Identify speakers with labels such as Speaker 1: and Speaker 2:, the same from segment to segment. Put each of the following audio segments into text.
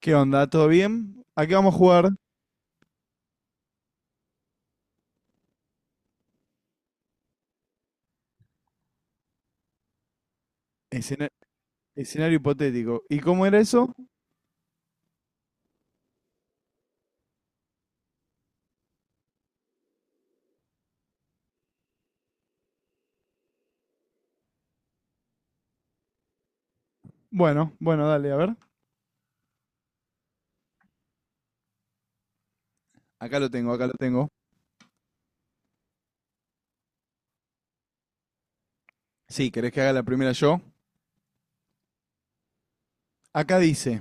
Speaker 1: ¿Qué onda? ¿Todo bien? Aquí vamos a jugar escena- escenario hipotético. ¿Y cómo era eso? Bueno, bueno, dale, a ver. Acá lo tengo, acá lo tengo. Sí, ¿querés que haga la primera yo? Acá dice,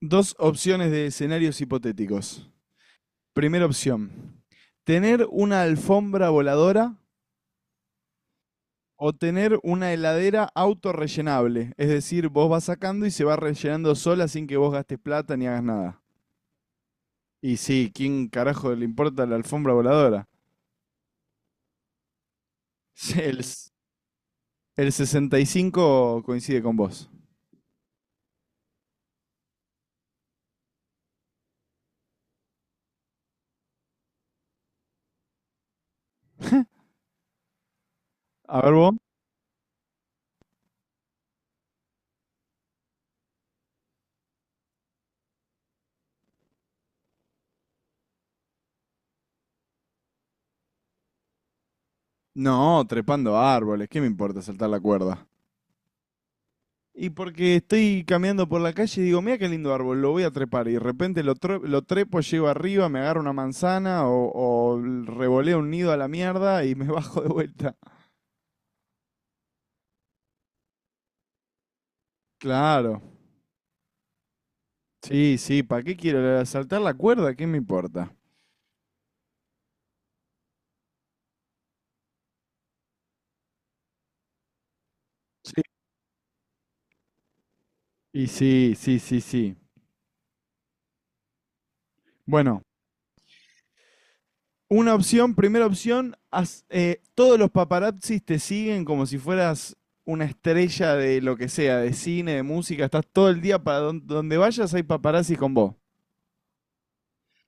Speaker 1: dos opciones de escenarios hipotéticos. Primera opción, tener una alfombra voladora o tener una heladera autorrellenable. Es decir, vos vas sacando y se va rellenando sola sin que vos gastes plata ni hagas nada. Y sí, ¿quién carajo le importa la alfombra voladora? El, El 65 coincide con vos. A ver vos. No, trepando árboles, ¿qué me importa saltar la cuerda? Y porque estoy caminando por la calle y digo, mira qué lindo árbol, lo voy a trepar. Y de repente lo trepo, llego arriba, me agarro una manzana o revoleo un nido a la mierda y me bajo de vuelta. Claro. Sí, sí, ¿para qué quiero saltar la cuerda? ¿Qué me importa? Sí. Y sí, sí, sí, sí. Bueno, una opción, primera opción, todos los paparazzis te siguen como si fueras una estrella de lo que sea, de cine, de música, estás todo el día para donde vayas hay paparazzis con vos.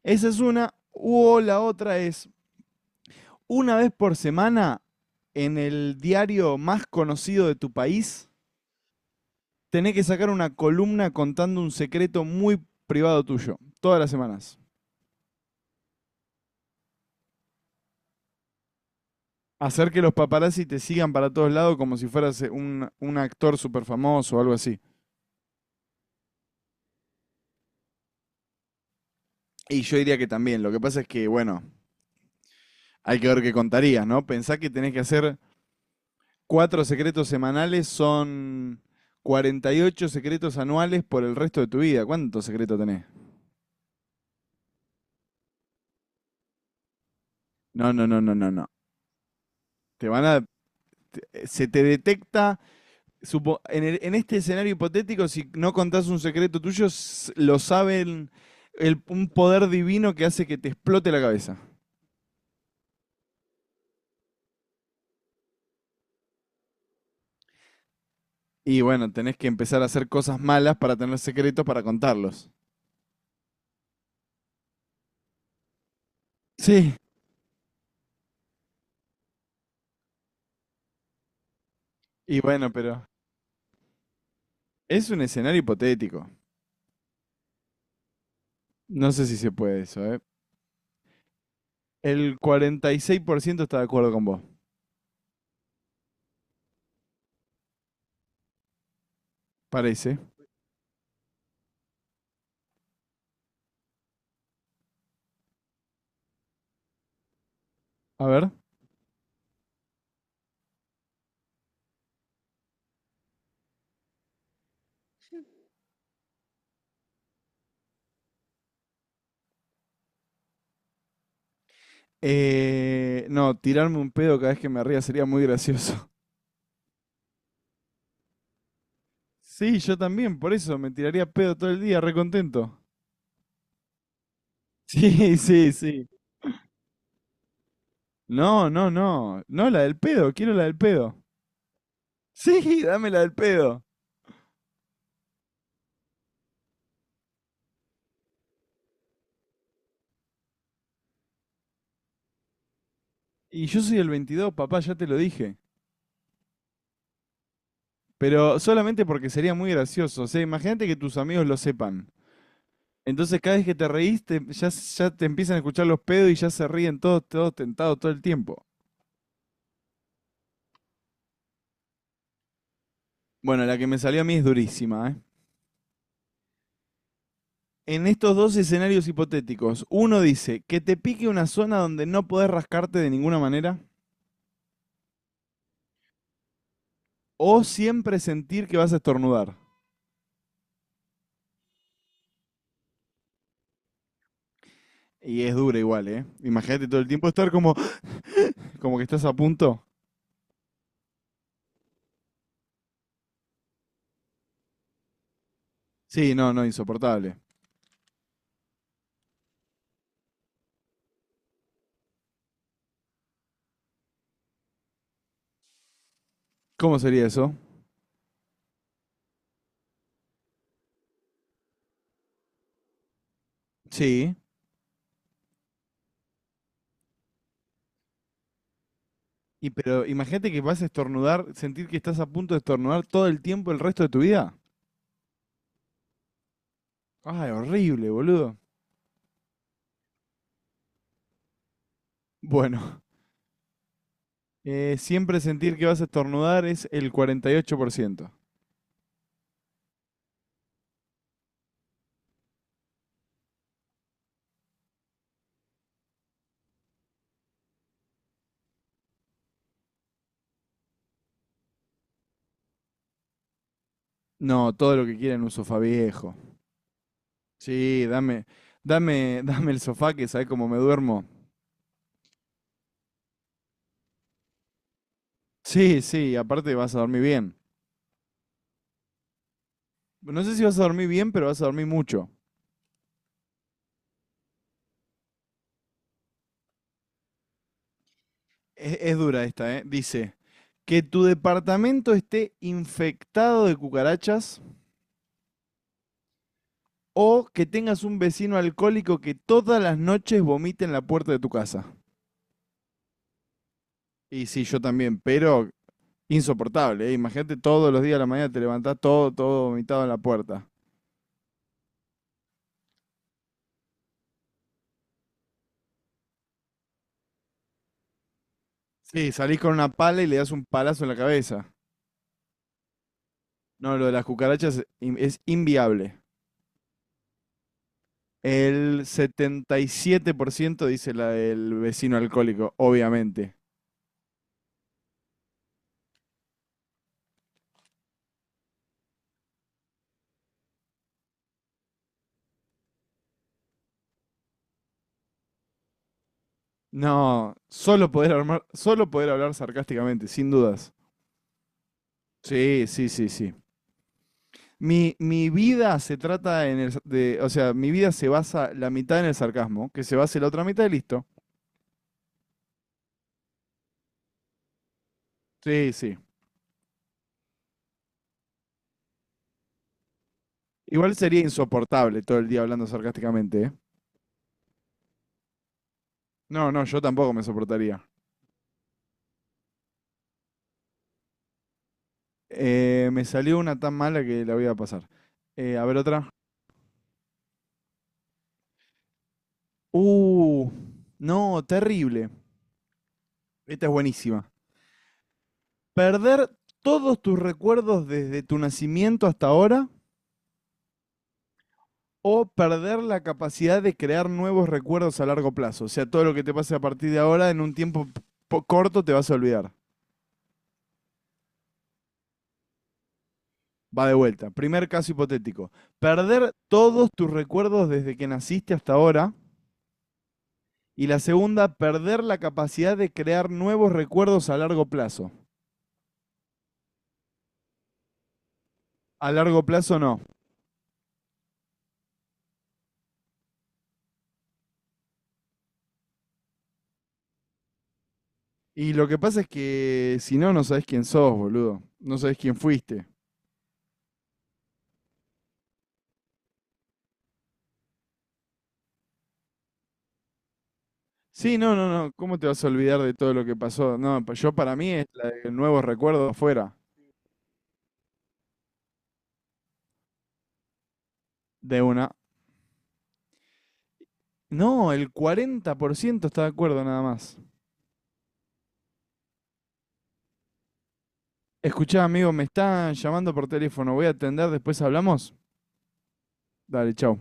Speaker 1: Esa es una, o la otra es una vez por semana en el diario más conocido de tu país, tenés que sacar una columna contando un secreto muy privado tuyo, todas las semanas. Hacer que los paparazzi te sigan para todos lados como si fueras un actor súper famoso o algo así. Y yo diría que también. Lo que pasa es que, bueno, hay que ver qué contarías, ¿no? Pensá que tenés que hacer cuatro secretos semanales, son 48 secretos anuales por el resto de tu vida. ¿Cuántos secretos tenés? No, no, no, no, no, no. Te van a. Se te detecta. En este escenario hipotético, si no contás un secreto tuyo, lo saben. Un poder divino que hace que te explote la cabeza. Y bueno, tenés que empezar a hacer cosas malas para tener secretos para contarlos. Sí. Y bueno, pero. Es un escenario hipotético. No sé si se puede eso, ¿eh? El 46% está de acuerdo con vos, parece. A ver. No, tirarme un pedo cada vez que me ría sería muy gracioso. Sí, yo también, por eso me tiraría pedo todo el día, recontento. Sí, sí, sí. No, no, no. No, la del pedo, quiero la del pedo. Sí, dame la del pedo. Y yo soy el 22, papá, ya te lo dije. Pero solamente porque sería muy gracioso. O sea, imagínate que tus amigos lo sepan. Entonces cada vez que te reís, ya te empiezan a escuchar los pedos y ya se ríen todos, todos tentados todo el tiempo. Bueno, la que me salió a mí es durísima, ¿eh? En estos dos escenarios hipotéticos, uno dice que te pique una zona donde no podés rascarte de ninguna manera o siempre sentir que vas a estornudar. Y es dura igual, ¿eh? Imagínate todo el tiempo estar como que estás a punto. Sí, no, no, insoportable. ¿Cómo sería eso? Sí. Y pero imagínate que vas a estornudar, sentir que estás a punto de estornudar todo el tiempo el resto de tu vida. Ay, horrible, boludo. Bueno, siempre sentir que vas a estornudar es el 48%. No, todo lo que quieran, un sofá viejo. Sí, dame, dame, dame el sofá que sabes cómo me duermo. Sí, sí, aparte vas a dormir bien. No sé si vas a dormir bien, pero vas a dormir mucho. Es dura esta, ¿eh? Dice, que tu departamento esté infectado de cucarachas o que tengas un vecino alcohólico que todas las noches vomite en la puerta de tu casa. Y sí, yo también, pero insoportable, ¿eh? Imagínate todos los días a la mañana te levantás todo, todo vomitado en la puerta. Sí, salís con una pala y le das un palazo en la cabeza. No, lo de las cucarachas es es inviable. El 77% dice la del vecino alcohólico, obviamente. No, solo poder hablar sarcásticamente, sin dudas. Sí, sí, sí, sí. Mi vida se trata en el, sa- de, o sea, mi vida se basa la mitad en el sarcasmo, que se basa la otra mitad y listo. Sí, sí. Igual sería insoportable todo el día hablando sarcásticamente, ¿eh? No, no, yo tampoco me soportaría. Me salió una tan mala que la voy a pasar. A ver otra. Uh, no, terrible. Esta es buenísima. Perder todos tus recuerdos desde tu nacimiento hasta ahora o perder la capacidad de crear nuevos recuerdos a largo plazo. O sea, todo lo que te pase a partir de ahora en un tiempo corto te vas a olvidar. Va de vuelta. Primer caso hipotético. Perder todos tus recuerdos desde que naciste hasta ahora. Y la segunda, perder la capacidad de crear nuevos recuerdos a largo plazo. A largo plazo no. Y lo que pasa es que si no, no sabes quién sos, boludo. No sabes quién fuiste. Sí, no, no, no. ¿Cómo te vas a olvidar de todo lo que pasó? No, pues yo para mí es la de nuevos recuerdos afuera. De una. No, el 40% está de acuerdo nada más. Escuchá, amigo, me están llamando por teléfono. Voy a atender, después hablamos. Dale, chao.